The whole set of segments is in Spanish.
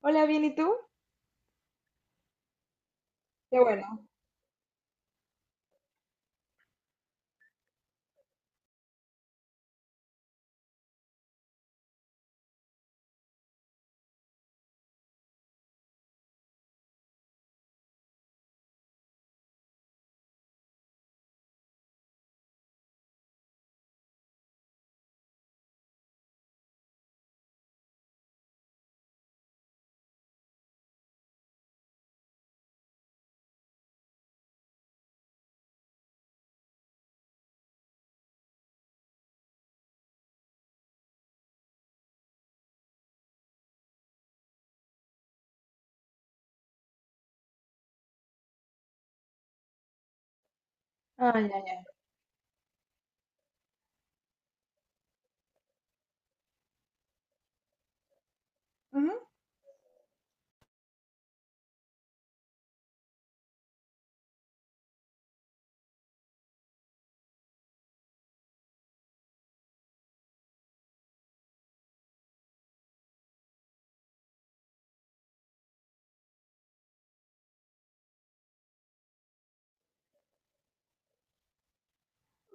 Hola, bien, ¿y tú? Qué bueno. Ah, ya, ya. Ujú.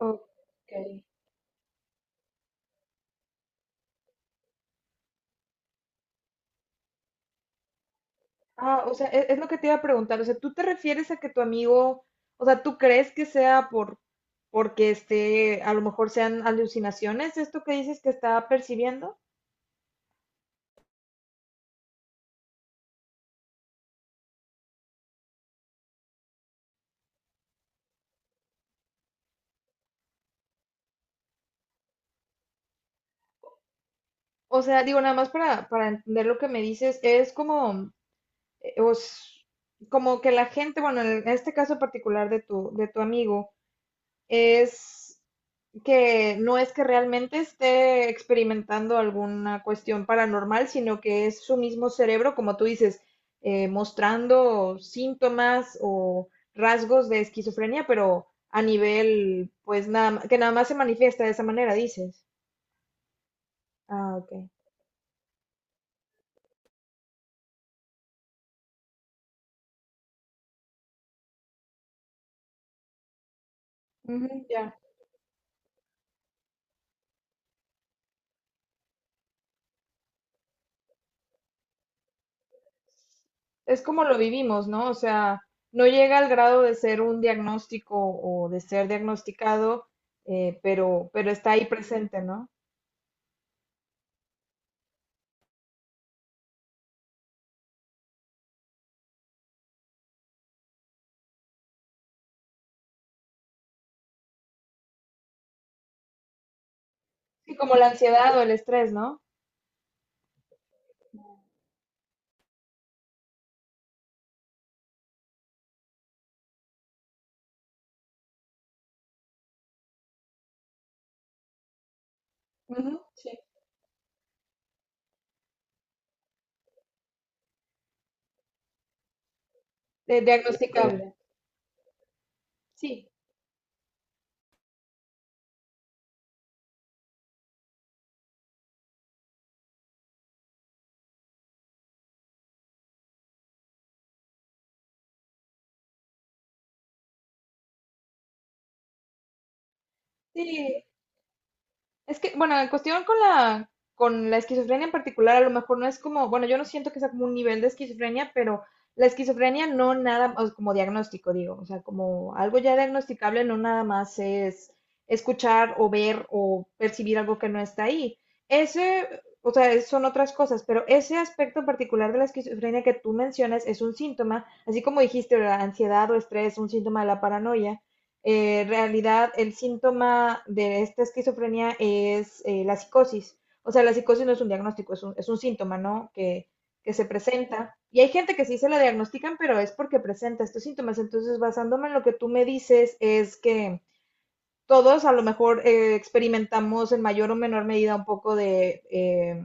Ok. Ah, o sea, es lo que te iba a preguntar. O sea, ¿tú te refieres a que tu amigo? O sea, ¿tú crees que sea porque a lo mejor sean alucinaciones esto que dices que está percibiendo? O sea, digo, nada más para entender lo que me dices, es como, eh, os- como que la gente, bueno, en este caso particular de tu amigo, es que no es que realmente esté experimentando alguna cuestión paranormal, sino que es su mismo cerebro, como tú dices, mostrando síntomas o rasgos de esquizofrenia, pero a nivel, pues nada, que nada más se manifiesta de esa manera, dices. Ah, ok. Ujú, ya. Es como lo vivimos, ¿no? O sea, no llega al grado de ser un diagnóstico o de ser diagnosticado, pero está ahí presente, ¿no? Sí, como la ansiedad o el estrés, ¿no? Ujú, sí. Diagnosticable. Sí, sí, es que, bueno, en cuestión con la esquizofrenia en particular, a lo mejor no es como, bueno, yo no siento que sea como un nivel de esquizofrenia, pero la esquizofrenia no nada, o como diagnóstico, digo, o sea, como algo ya diagnosticable, no nada más es escuchar o ver o percibir algo que no está ahí. Ese, o sea, son otras cosas, pero ese aspecto en particular de la esquizofrenia que tú mencionas es un síntoma, así como dijiste, la ansiedad o estrés, un síntoma de la paranoia. Realidad el síntoma de esta esquizofrenia es la psicosis. O sea, la psicosis no es un diagnóstico, es un, síntoma, ¿no? Que se presenta. Y hay gente que sí se la diagnostican, pero es porque presenta estos síntomas. Entonces, basándome en lo que tú me dices, es que todos a lo mejor experimentamos en mayor o menor medida un poco de eh,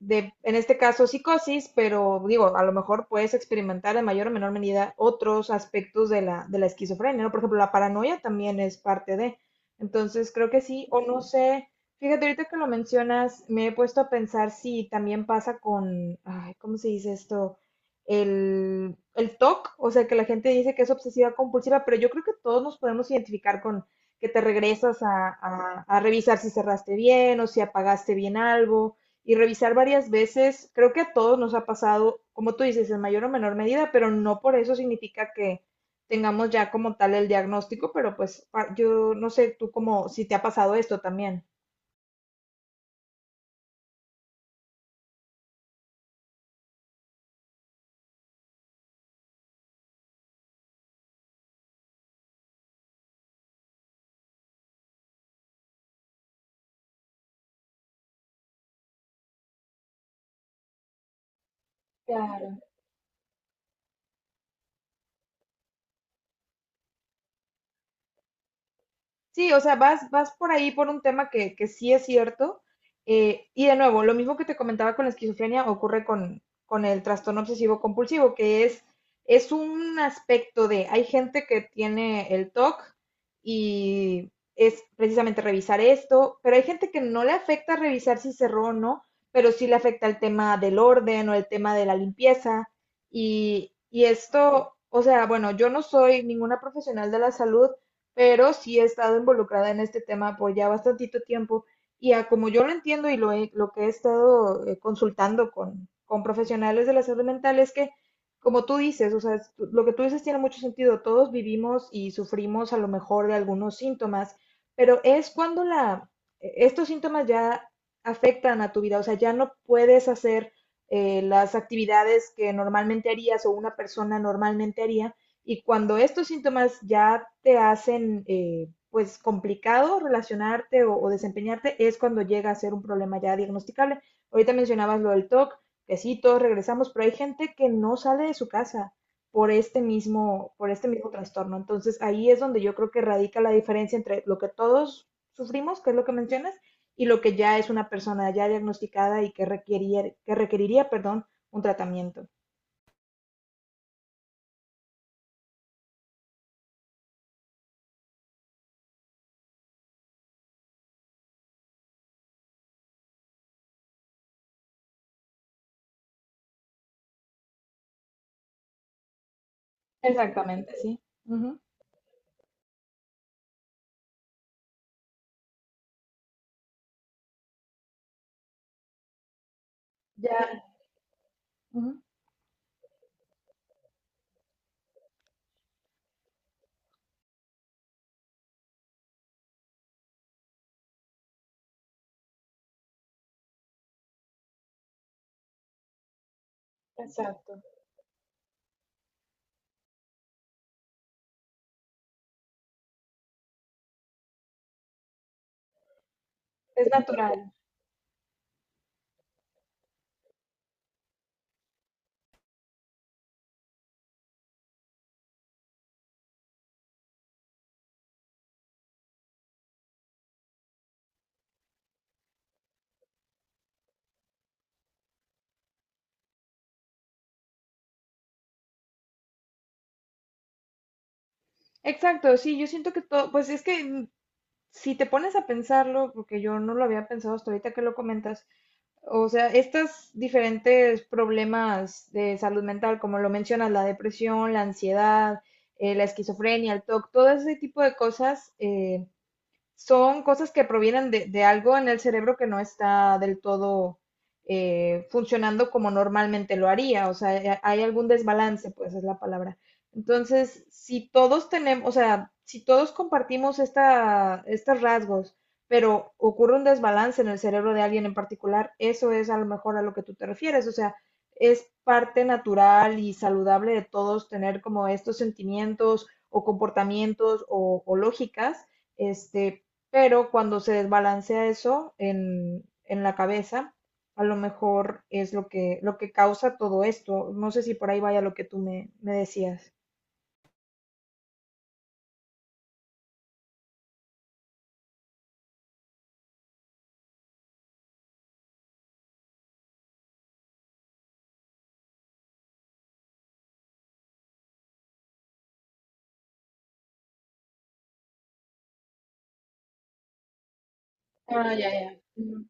de, en este caso, psicosis, pero digo, a lo mejor puedes experimentar en mayor o menor medida otros aspectos de la esquizofrenia, ¿no? Por ejemplo, la paranoia también es parte de. Entonces, creo que sí, o no sé, fíjate, ahorita que lo mencionas, me he puesto a pensar si también pasa con, ay, ¿cómo se dice esto? El TOC, o C, o sea, que la gente dice que es obsesiva compulsiva, pero yo creo que todos nos podemos identificar con que te regresas a revisar si cerraste bien o si apagaste bien algo y revisar varias veces, creo que a todos nos ha pasado, como tú dices, en mayor o menor medida, pero no por eso significa que tengamos ya como tal el diagnóstico, pero pues yo no sé tú como si te ha pasado esto también. Sí, o sea, vas por ahí por un tema que sí es cierto. Y de nuevo, lo mismo que te comentaba con la esquizofrenia ocurre con, el trastorno obsesivo compulsivo, que es un aspecto de, hay gente que tiene el TOC y es precisamente revisar esto, pero hay gente que no le afecta revisar si cerró o no, pero sí le afecta el tema del orden o el tema de la limpieza. Y esto, o sea, bueno, yo no soy ninguna profesional de la salud, pero sí he estado involucrada en este tema por ya bastantito tiempo y a como yo lo entiendo y lo, lo que he estado consultando con profesionales de la salud mental es que, como tú dices, o sea, lo que tú dices tiene mucho sentido, todos vivimos y sufrimos a lo mejor de algunos síntomas, pero es cuando la, estos síntomas ya afectan a tu vida, o sea, ya no puedes hacer las actividades que normalmente harías o una persona normalmente haría y cuando estos síntomas ya te hacen pues complicado relacionarte o desempeñarte, es cuando llega a ser un problema ya diagnosticable. Ahorita mencionabas lo del TOC, que sí, todos regresamos, pero hay gente que no sale de su casa por este mismo trastorno. Entonces ahí es donde yo creo que radica la diferencia entre lo que todos sufrimos, que es lo que mencionas, y lo que ya es una persona ya diagnosticada y que requeriría perdón, un tratamiento. Exactamente, sí. Uh -huh. Ya, uh -huh. Exacto, es natural. Exacto, sí, yo siento que todo, pues es que si te pones a pensarlo, porque yo no lo había pensado hasta ahorita que lo comentas, o sea, estos diferentes problemas de salud mental, como lo mencionas, la depresión, la ansiedad, la esquizofrenia, el TOC, todo ese tipo de cosas, son cosas que provienen de algo en el cerebro que no está del todo funcionando como normalmente lo haría. O sea, hay algún desbalance, pues es la palabra. Entonces, si todos tenemos, o sea, si todos compartimos estos rasgos, pero ocurre un desbalance en el cerebro de alguien en particular, eso es a lo mejor a lo que tú te refieres. O sea, es parte natural y saludable de todos tener como estos sentimientos o comportamientos o lógicas, este, pero cuando se desbalancea eso en, la cabeza, a lo mejor es lo que causa todo esto. No sé si por ahí vaya lo que tú me decías. Ah, ya, ya. Ujú.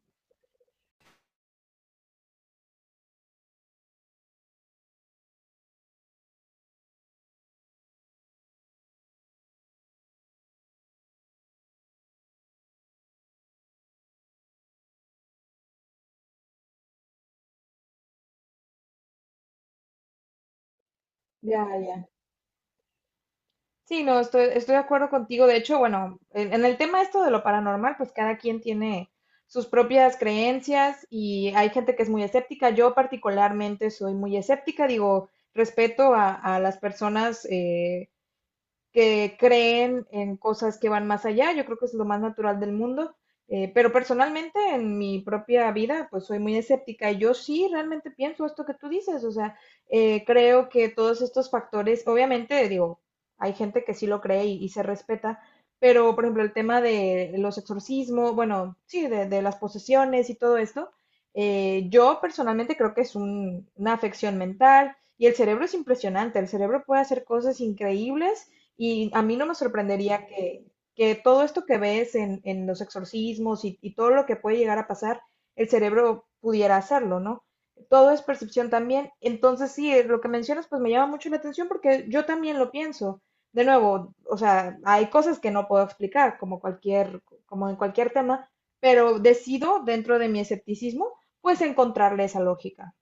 Ya, ya. Sí, no, estoy de acuerdo contigo. De hecho, bueno, en, el tema esto de lo paranormal, pues cada quien tiene sus propias creencias y hay gente que es muy escéptica. Yo particularmente soy muy escéptica, digo, respeto a las personas, que creen en cosas que van más allá. Yo creo que es lo más natural del mundo. Pero personalmente en mi propia vida, pues soy muy escéptica. Y yo sí realmente pienso esto que tú dices. O sea, creo que todos estos factores, obviamente, digo, hay gente que sí lo cree y se respeta. Pero, por ejemplo, el tema de los exorcismos, bueno, sí, de las posesiones y todo esto, yo personalmente creo que es una afección mental y el cerebro es impresionante. El cerebro puede hacer cosas increíbles y a mí no me sorprendería que, todo esto que ves en, los exorcismos y todo lo que puede llegar a pasar, el cerebro pudiera hacerlo, ¿no? Todo es percepción también. Entonces, sí, lo que mencionas, pues me llama mucho la atención porque yo también lo pienso. De nuevo, o sea, hay cosas que no puedo explicar, como cualquier, como en cualquier tema, pero decido, dentro de mi escepticismo, pues encontrarle esa lógica.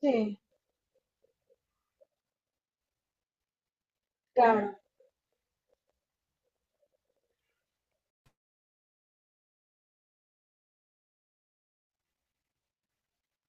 Sí, claro.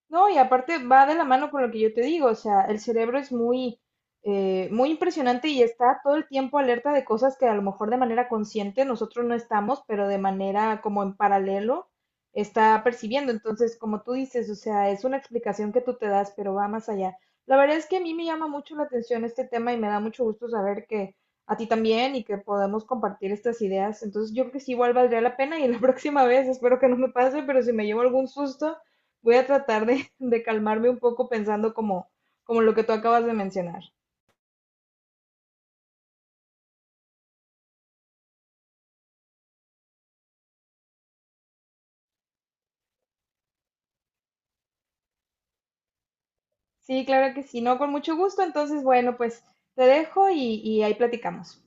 No, y aparte va de la mano con lo que yo te digo, o sea, el cerebro es muy, muy impresionante y está todo el tiempo alerta de cosas que a lo mejor de manera consciente nosotros no estamos, pero de manera como en paralelo está percibiendo. Entonces, como tú dices, o sea, es una explicación que tú te das, pero va más allá. La verdad es que a mí me llama mucho la atención este tema y me da mucho gusto saber que a ti también y que podemos compartir estas ideas. Entonces, yo creo que sí igual valdría la pena y la próxima vez espero que no me pase, pero si me llevo algún susto voy a tratar de, de calmarme un poco pensando como, como lo que tú acabas de mencionar. Sí, claro que sí, no, con mucho gusto. Entonces, bueno, pues te dejo y ahí platicamos.